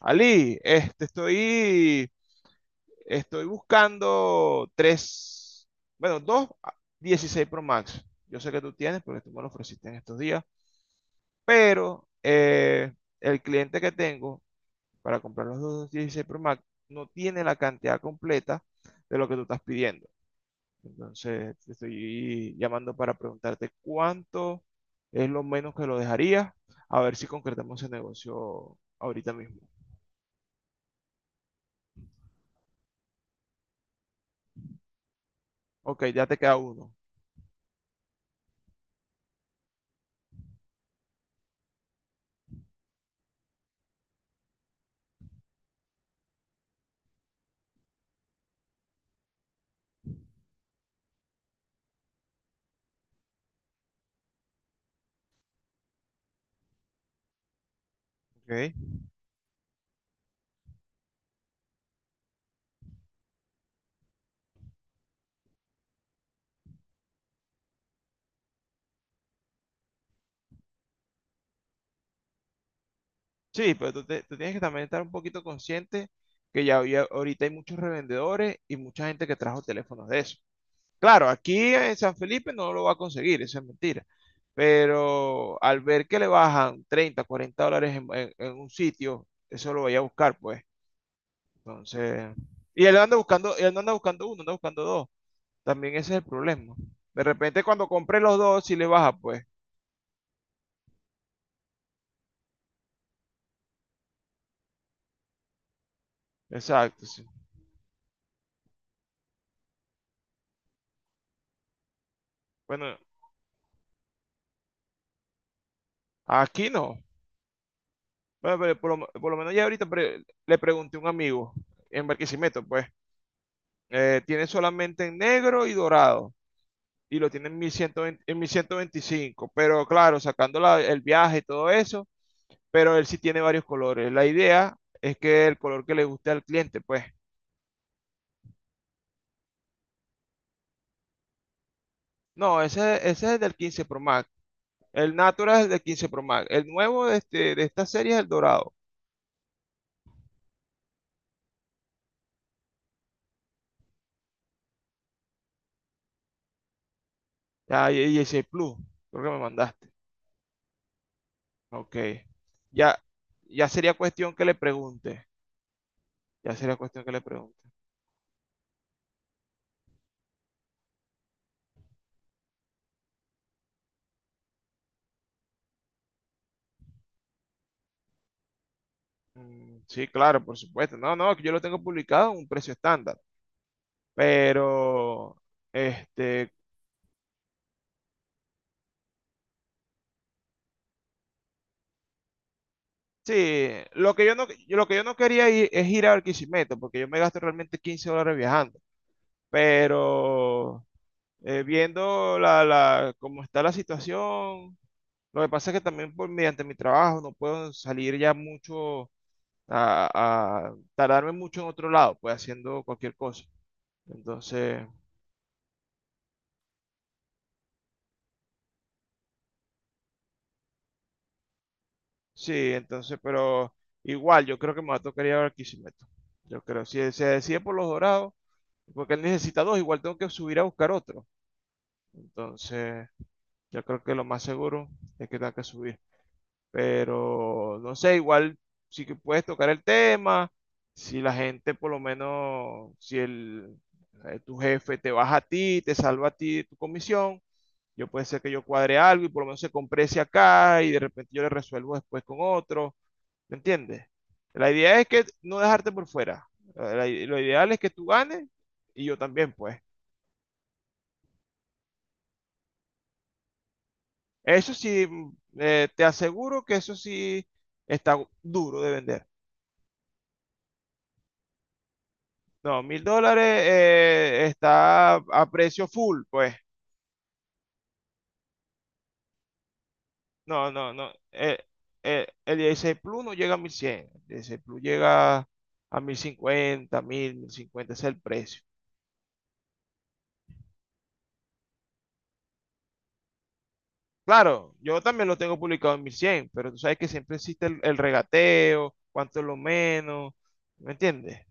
Ali, este, estoy buscando tres, bueno, dos 16 Pro Max. Yo sé que tú tienes porque tú me lo ofreciste en estos días, pero el cliente que tengo para comprar los dos 16 Pro Max no tiene la cantidad completa de lo que tú estás pidiendo. Entonces, te estoy llamando para preguntarte cuánto es lo menos que lo dejaría, a ver si concretamos el negocio ahorita mismo. Ok, ya te queda uno. Ok. Sí, pero tú tienes que también estar un poquito consciente que ya había, ahorita hay muchos revendedores y mucha gente que trajo teléfonos de eso. Claro, aquí en San Felipe no lo va a conseguir, eso es mentira. Pero al ver que le bajan $30, $40 en un sitio, eso lo voy a buscar, pues. Entonces, y él anda buscando, él no anda buscando uno, anda buscando dos. También ese es el problema. De repente cuando compré los dos, sí le baja, pues. Exacto, sí. Bueno, aquí no. Bueno, pero por lo menos ya ahorita le pregunté a un amigo en Barquisimeto, pues, tiene solamente en negro y dorado, y lo tiene en 1120 en 1125, pero claro, sacando el viaje y todo eso, pero él sí tiene varios colores. La idea es que el color que le guste al cliente, pues. No, ese es el del 15 Pro Max, el Natural es el del 15 Pro Max, el nuevo de esta serie es el dorado, ya, y 16 Plus, creo que me mandaste. Ok, ya, ya sería cuestión que le pregunte. Ya sería cuestión que le pregunte. Mm, sí, claro, por supuesto. No, no, que yo lo tengo publicado a un precio estándar. Pero, este, sí, lo que yo no quería ir, es ir a Barquisimeto, porque yo me gasto realmente $15 viajando. Pero, viendo cómo está la situación, lo que pasa es que también por, mediante mi trabajo no puedo salir ya mucho, a, a tardarme mucho en otro lado, pues haciendo cualquier cosa. Entonces. Sí, entonces, pero igual, yo creo que me va a tocar ir a Barquisimeto. Yo creo, si se decide por los dorados, porque él necesita dos, igual tengo que subir a buscar otro. Entonces, yo creo que lo más seguro es que tenga que subir. Pero, no sé, igual sí que puedes tocar el tema, si la gente por lo menos, si el, tu jefe te baja a ti, te salva a ti de tu comisión, yo puede ser que yo cuadre algo y por lo menos se comprese acá y de repente yo le resuelvo después con otro. ¿Me entiendes? La idea es que no dejarte por fuera. Lo ideal es que tú ganes y yo también, pues. Eso sí, te aseguro que eso sí está duro de vender. No, $1000 está a precio full, pues. No, no, no. El 16 Plus no llega a 1100. El 16 Plus llega a mil 1000, 1050. Ese es el precio. Claro, yo también lo tengo publicado en 1100, pero tú sabes que siempre existe el regateo, cuánto es lo menos, ¿me entiendes?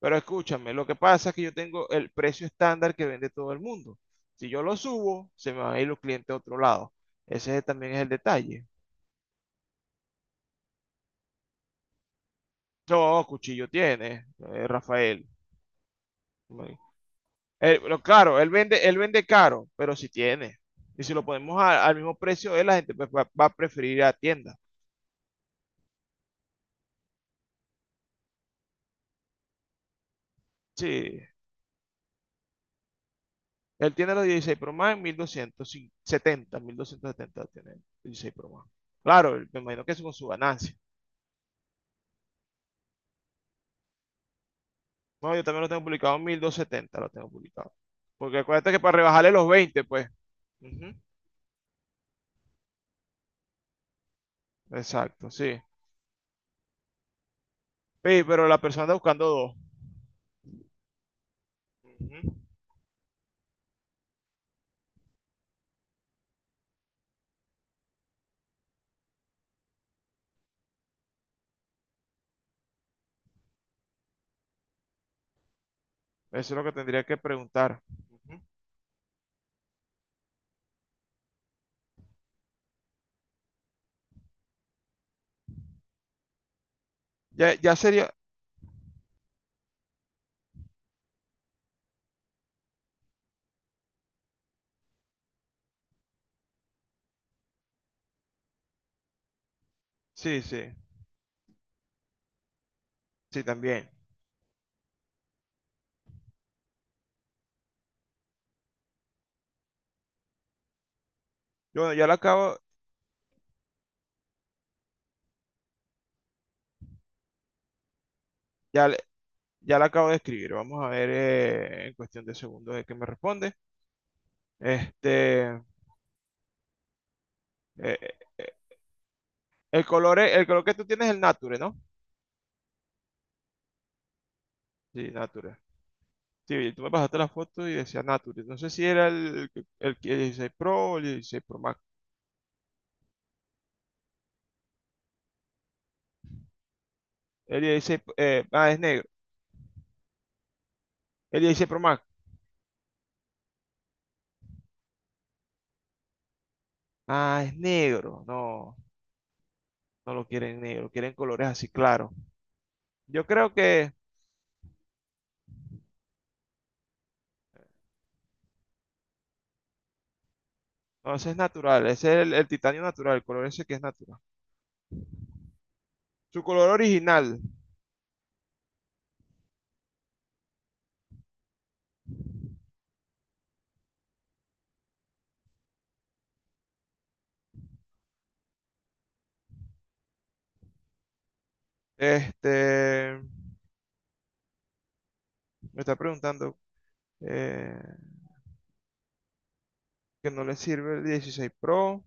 Pero escúchame, lo que pasa es que yo tengo el precio estándar que vende todo el mundo. Si yo lo subo, se me van a ir los clientes a otro lado. Ese también es el detalle. No, cuchillo tiene, Rafael. Bueno, claro, él vende caro, pero si tiene. Y si lo ponemos al mismo precio, la gente pues, va a preferir ir a la tienda. Sí, él tiene los 16 Pro Max, 1270 1270 tiene el 16 Pro Max. Claro, me imagino que es con su ganancia. No, yo también lo tengo publicado 1270 lo tengo publicado. Porque acuérdate que para rebajarle los 20, pues. Ujú, exacto, sí. Sí, pero la persona está buscando dos. Ujú, eso es lo que tendría que preguntar. Ujú. Ya, ya sería. Sí, sí, sí, también. Yo, bueno, ya, le- ya la acabo de escribir. Vamos a ver en cuestión de segundos de qué me responde. Este, eh, eh, el color, el color que tú tienes es el Nature, ¿no? Sí, Nature. Sí, tú me pasaste la foto y decía Nature. No sé si era el 16 Pro o el 16 Pro Max. El 16, es negro. El 16 Pro Max. Ah, es negro. No, no lo quieren negro, quieren colores así claros. Yo creo que, no, ese es natural, ese es el titanio natural, el color ese que es natural. Su color original, este, me está preguntando eh, que no le sirve el 16 Pro.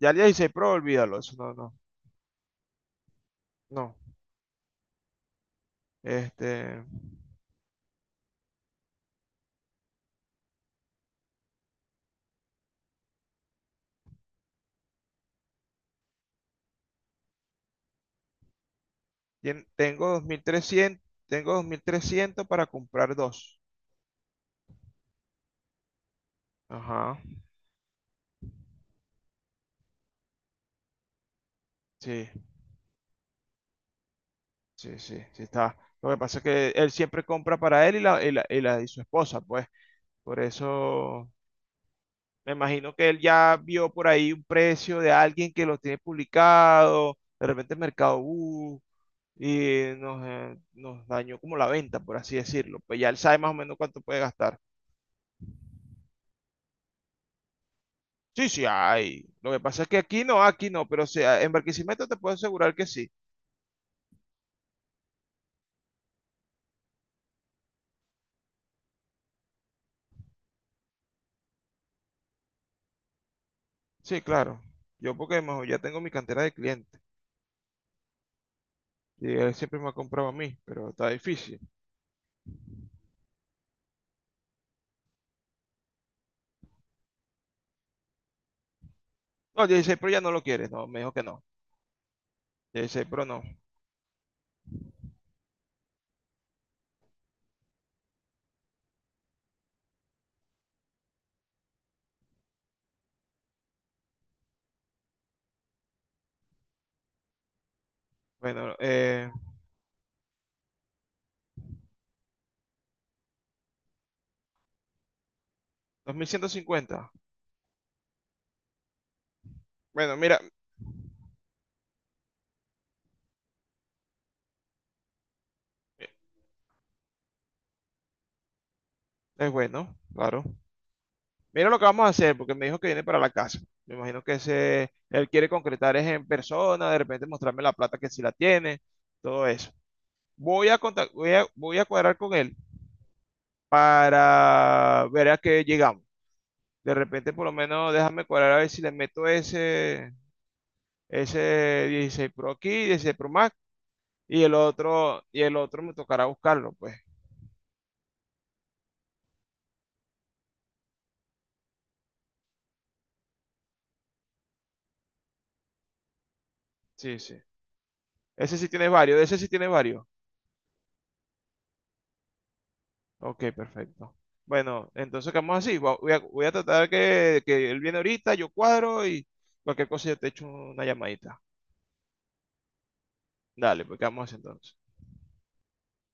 Ya el 16 Pro, olvídalo, eso no, no. No, este, tengo 2300, tengo 2300 para comprar dos. Ajá, sí, sí, sí, sí está. Lo que pasa es que él siempre compra para él y su esposa, pues. Por eso me imagino que él ya vio por ahí un precio de alguien que lo tiene publicado, de repente Mercado Bus, y nos dañó como la venta, por así decirlo. Pues ya él sabe más o menos cuánto puede gastar. Sí, sí, hay. Lo que pasa es que aquí no, pero o sea, en Barquisimeto te puedo asegurar que sí. Sí, claro. Yo porque mejor ya tengo mi cantera de clientes. Y él siempre me ha comprado a mí, pero está difícil. No, 16 Pro ya no lo quiere, no, me dijo que no. 16 Pro no. Bueno, 2150. Bueno, mira, es bueno, claro. Mira lo que vamos a hacer, porque me dijo que viene para la casa. Me imagino que ese, él quiere concretar es en persona, de repente mostrarme la plata que sí la tiene, todo eso. Voy a cuadrar con él para ver a qué llegamos. De repente, por lo menos, déjame cuadrar a ver si le meto ese 16 Pro aquí, 16 Pro Max, y el otro me tocará buscarlo, pues. Sí, sí. Ese sí tiene varios, ese sí tiene varios. Ok, perfecto. Bueno, entonces quedamos así. Voy a tratar que él viene ahorita, yo cuadro y cualquier cosa yo te echo una llamadita. Dale, pues quedamos así entonces.